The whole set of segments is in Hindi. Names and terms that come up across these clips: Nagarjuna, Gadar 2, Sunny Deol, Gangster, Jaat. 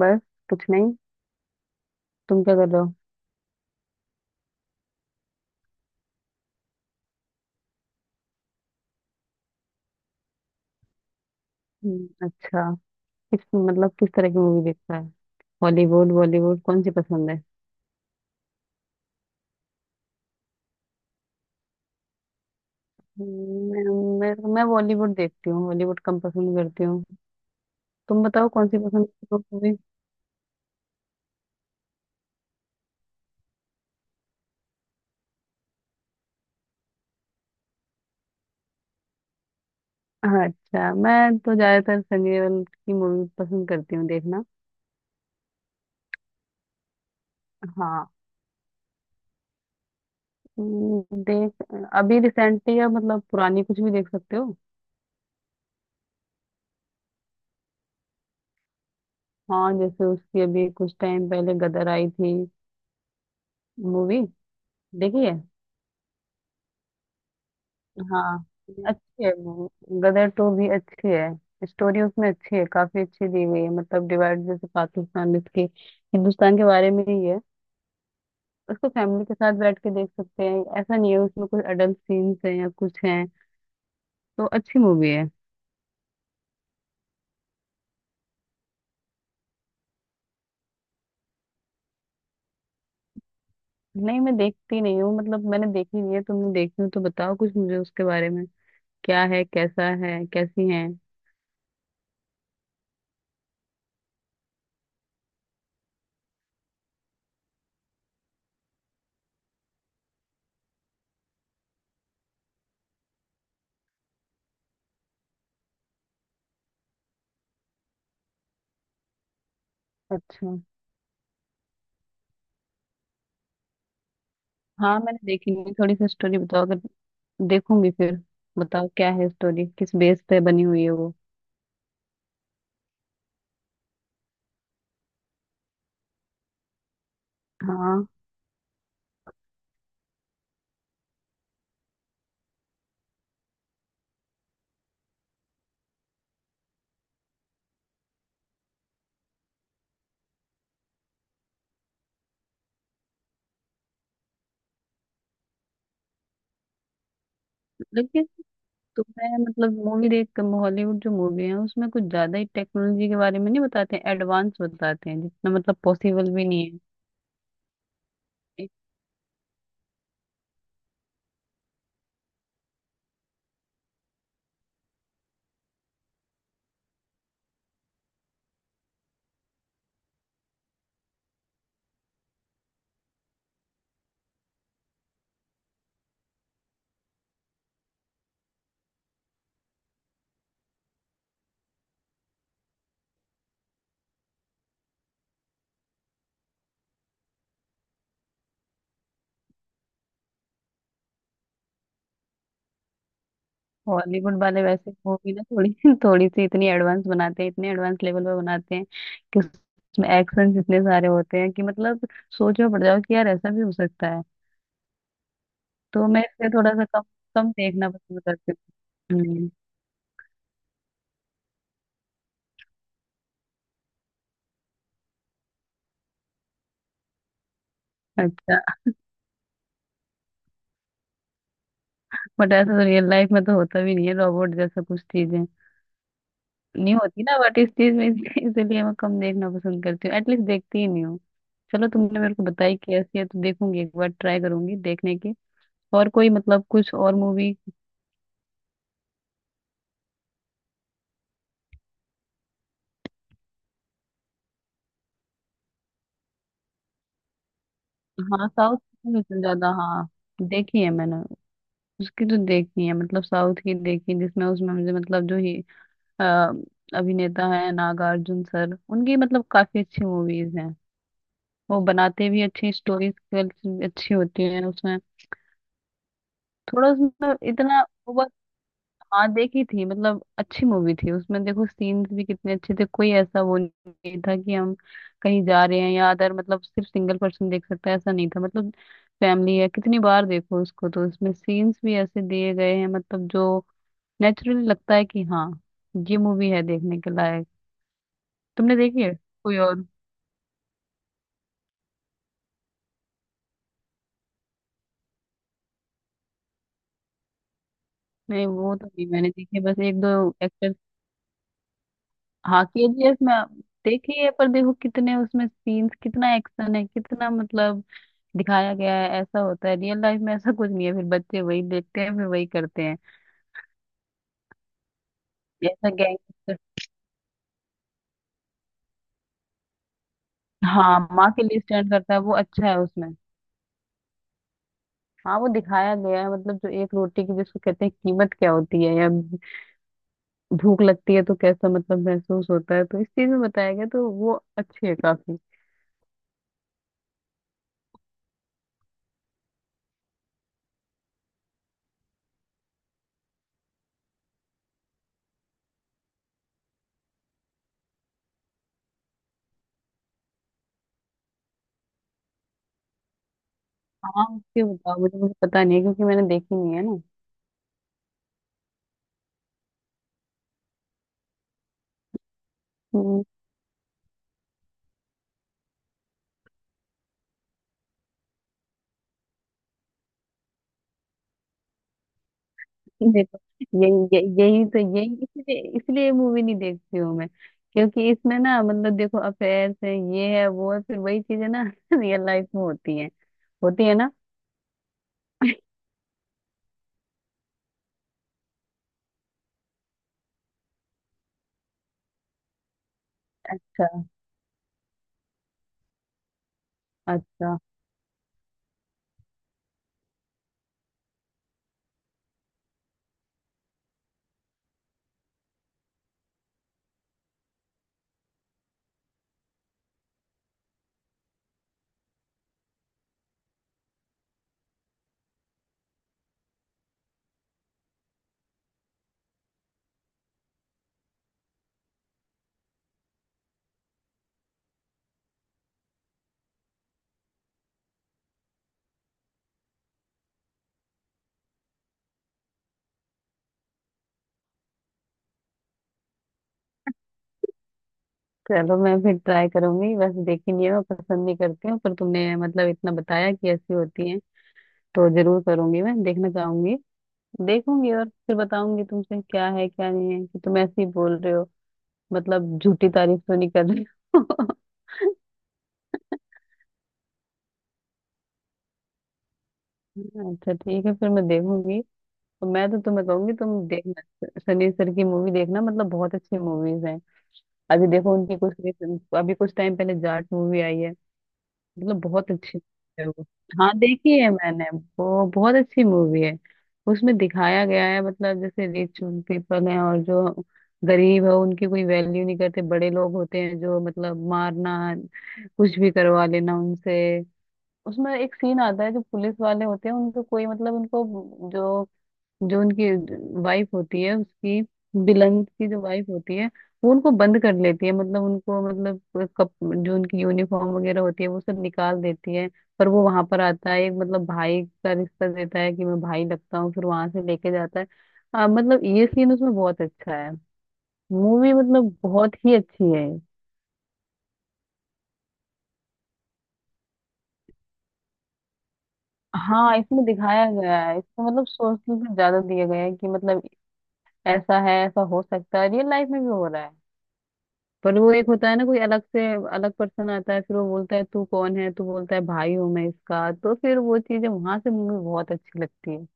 बस कुछ नहीं। तुम क्या कर रहे हो? अच्छा। किस तरह की मूवी देखता है? हॉलीवुड बॉलीवुड कौन सी पसंद है? मैं बॉलीवुड देखती हूँ, हॉलीवुड कम पसंद करती हूँ। तुम बताओ कौन सी पसंद करती हो मूवी? हाँ, अच्छा मैं तो ज्यादातर सनी देओल की मूवी पसंद करती हूँ देखना। हाँ। देख अभी रिसेंटली या मतलब पुरानी कुछ भी देख सकते हो। हाँ जैसे उसकी अभी कुछ टाइम पहले गदर आई थी मूवी, देखी है? हाँ अच्छी है वो। गदर टू भी अच्छी है, स्टोरी उसमें अच्छी है, काफी अच्छी दी हुई है, मतलब डिवाइड जैसे पाकिस्तान इसके हिंदुस्तान के बारे में ही है। उसको फैमिली के साथ बैठ के देख सकते हैं, ऐसा नहीं है उसमें कुछ अडल्ट सीन्स हैं या कुछ हैं। तो अच्छी मूवी है। नहीं मैं देखती नहीं हूँ, मतलब मैंने देखी नहीं है। तुमने देखी हो तो बताओ कुछ मुझे उसके बारे में, क्या है, कैसा है, कैसी है? अच्छा। हाँ मैंने देखी नहीं, थोड़ी सी स्टोरी बताओ अगर, देखूंगी फिर। बताओ क्या है स्टोरी, किस बेस पे बनी हुई है वो? हाँ लेकिन तुम्हें मतलब मूवी देख हॉलीवुड जो मूवी है उसमें कुछ ज्यादा ही टेक्नोलॉजी के बारे में नहीं बताते हैं, एडवांस बताते हैं जितना मतलब पॉसिबल भी नहीं है। हॉलीवुड वाले वैसे मूवी ना थोड़ी थोड़ी सी इतनी एडवांस बनाते हैं, इतने एडवांस लेवल पर बनाते हैं कि उसमें एक्शन इतने सारे होते हैं कि मतलब सोचो पड़ जाओ कि यार ऐसा भी हो सकता है। तो मैं इसलिए थोड़ा सा कम कम देखना पसंद करती हूँ। अच्छा। बट ऐसा तो रियल लाइफ में तो होता भी नहीं है, रोबोट जैसा कुछ चीजें नहीं होती ना, व्हाट इस चीज में, इसलिए इसलिए मैं कम देखना पसंद करती हूँ, एटलीस्ट देखती ही नहीं हूँ। चलो तुमने मेरे को बताई कि ऐसी है तो देखूंगी एक बार, ट्राई करूंगी देखने की। और कोई मतलब कुछ और मूवी? हाँ साउथ में ज्यादा हाँ देखी है मैंने। उसकी तो देखी है, मतलब साउथ की देखी, जिसमें उसमें मुझे मतलब जो ही अ, अभिनेता है नागार्जुन सर, उनकी मतलब काफी अच्छी मूवीज हैं। वो बनाते भी अच्छी स्टोरीज, अच्छी होती है उसमें। थोड़ा उसमें इतना, हाँ देखी थी मतलब अच्छी मूवी थी, उसमें देखो सीन्स भी कितने अच्छे थे, कोई ऐसा वो नहीं था कि हम कहीं जा रहे हैं या अदर, मतलब सिर्फ सिंगल पर्सन देख सकता है ऐसा नहीं था, मतलब फैमिली है कितनी बार देखो उसको, तो उसमें सीन्स भी ऐसे दिए गए हैं मतलब जो नेचुरली लगता है कि हाँ ये मूवी है देखने के लायक। तुमने देखी है कोई और? नहीं वो तो नहीं मैंने देखी है, बस एक दो एक्टर्स। हाँ, KGF में देखी है, पर देखो कितने उसमें सीन्स, कितना एक्शन है, कितना मतलब दिखाया गया है, ऐसा होता है रियल लाइफ में? ऐसा कुछ नहीं है, फिर बच्चे वही देखते हैं फिर वही करते हैं, जैसा गैंगस्टर। हाँ माँ के लिए स्टैंड करता है वो, अच्छा है उसमें। हाँ वो दिखाया गया है, मतलब जो एक रोटी की जिसको कहते हैं कीमत क्या होती है, या भूख लगती है तो कैसा मतलब महसूस होता है, तो इस चीज में बताया गया, तो वो अच्छी है काफी। हाँ उसके बताओ मुझे, मुझे पता नहीं है क्योंकि मैंने देखी नहीं है। ना देखो, यही यही यही तो यही इसलिए इसलिए मूवी नहीं देखती हूँ मैं, क्योंकि इसमें ना मतलब देखो अफेयर्स है ये है वो है, फिर वही चीजें ना रियल लाइफ में होती हैं, होती है ना। अच्छा। अच्छा चलो मैं फिर ट्राई करूंगी, वैसे देखी नहीं है, मैं पसंद नहीं करती हूँ, पर तुमने मतलब इतना बताया कि ऐसी होती है तो जरूर करूंगी, मैं देखना चाहूंगी। देखूंगी और फिर बताऊंगी तुमसे क्या है क्या नहीं है, कि तुम ऐसे ही बोल रहे हो मतलब झूठी तारीफ तो नहीं कर रहे हो। अच्छा ठीक है फिर मैं देखूंगी। तो मैं तो तुम्हें कहूंगी तुम देखना सनी सर की मूवी देखना, मतलब बहुत अच्छी मूवीज हैं। अभी देखो उनकी कुछ अभी कुछ टाइम पहले जाट मूवी आई है, मतलब बहुत अच्छी है वो। हाँ देखी है मैंने, वो बहुत अच्छी मूवी है। उसमें दिखाया गया है मतलब जैसे रिच पीपल हैं और जो गरीब है उनकी कोई वैल्यू नहीं करते, बड़े लोग होते हैं जो मतलब मारना कुछ भी करवा लेना उनसे। उसमें एक सीन आता है, जो पुलिस वाले होते हैं उनको कोई मतलब, उनको जो जो उनकी वाइफ होती है उसकी, बिलन की जो वाइफ होती है, वो उनको बंद कर लेती है, मतलब उनको मतलब जो उनकी यूनिफॉर्म वगैरह होती है वो सब निकाल देती है। पर वो वहां पर आता है, एक मतलब भाई का रिश्ता देता है कि मैं भाई लगता हूँ, फिर वहां से लेके जाता है। मतलब ये सीन उसमें बहुत अच्छा है। मूवी मतलब बहुत ही अच्छी है। हाँ इसमें दिखाया गया है, इसमें मतलब सोच से ज्यादा दिया गया है कि मतलब ऐसा है ऐसा हो सकता है रियल लाइफ में भी हो रहा है। पर वो एक होता है ना, कोई अलग से अलग पर्सन आता है, फिर वो बोलता है तू कौन है, तू बोलता है भाई हूँ मैं इसका, तो फिर वो चीजें वहां से मूवी बहुत अच्छी लगती है।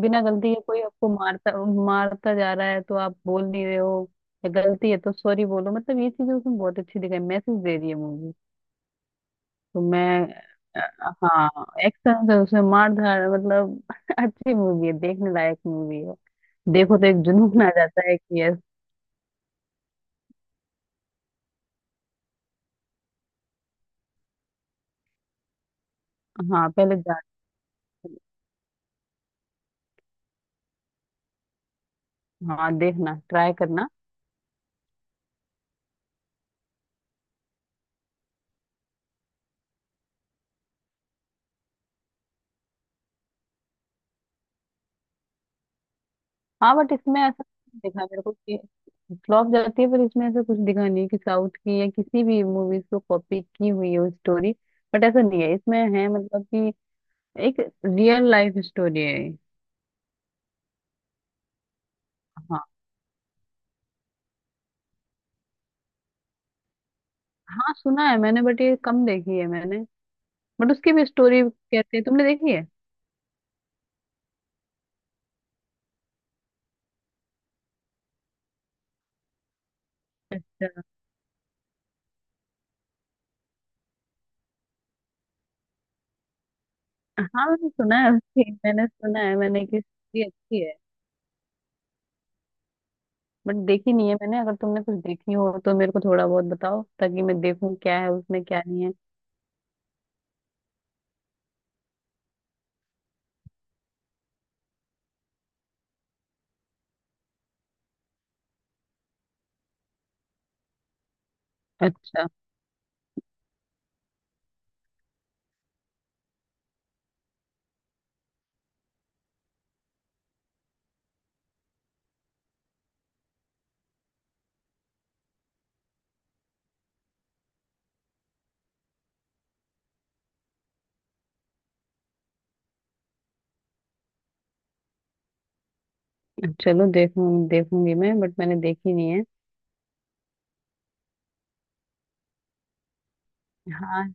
बिना गलती के कोई आपको मारता मारता जा रहा है तो आप बोल नहीं रहे हो, या गलती है तो सॉरी बोलो, मतलब ये चीजें उसमें बहुत अच्छी दिखाई, मैसेज दे रही है मूवी। तो मैं अ, हाँ एक्शन है उसमें, मार धाड़ मतलब अच्छी मूवी है, देखने लायक मूवी है। देखो तो एक जुनून आ जाता है कि यस। हाँ पहले जा। हाँ देखना, ट्राई करना। हाँ बट इसमें ऐसा नहीं दिखा मेरे को कि फ्लॉप जाती है, पर इसमें ऐसा कुछ दिखा नहीं है कि साउथ की या किसी भी मूवीज को कॉपी की हुई है स्टोरी, बट ऐसा नहीं है, इसमें है मतलब कि एक रियल लाइफ स्टोरी है ये। हाँ। हाँ सुना है मैंने बट ये कम देखी है मैंने। बट उसकी भी स्टोरी कहते हैं, तुमने देखी है? अच्छा। हाँ मैंने सुना है उसकी, मैंने सुना है मैंने कि स्टोरी अच्छी है, बट देखी नहीं है मैंने, अगर तुमने कुछ देखी हो तो मेरे को थोड़ा बहुत बताओ ताकि मैं देखूं क्या है उसमें क्या नहीं है। अच्छा चलो देखूंगी मैं, बट मैंने देखी नहीं है। हाँ।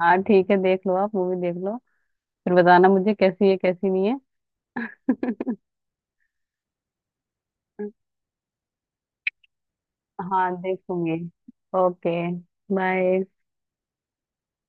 हाँ ठीक है, देख लो आप, मूवी देख लो, फिर बताना मुझे कैसी है कैसी नहीं है। हाँ देखूंगी। Okay bye.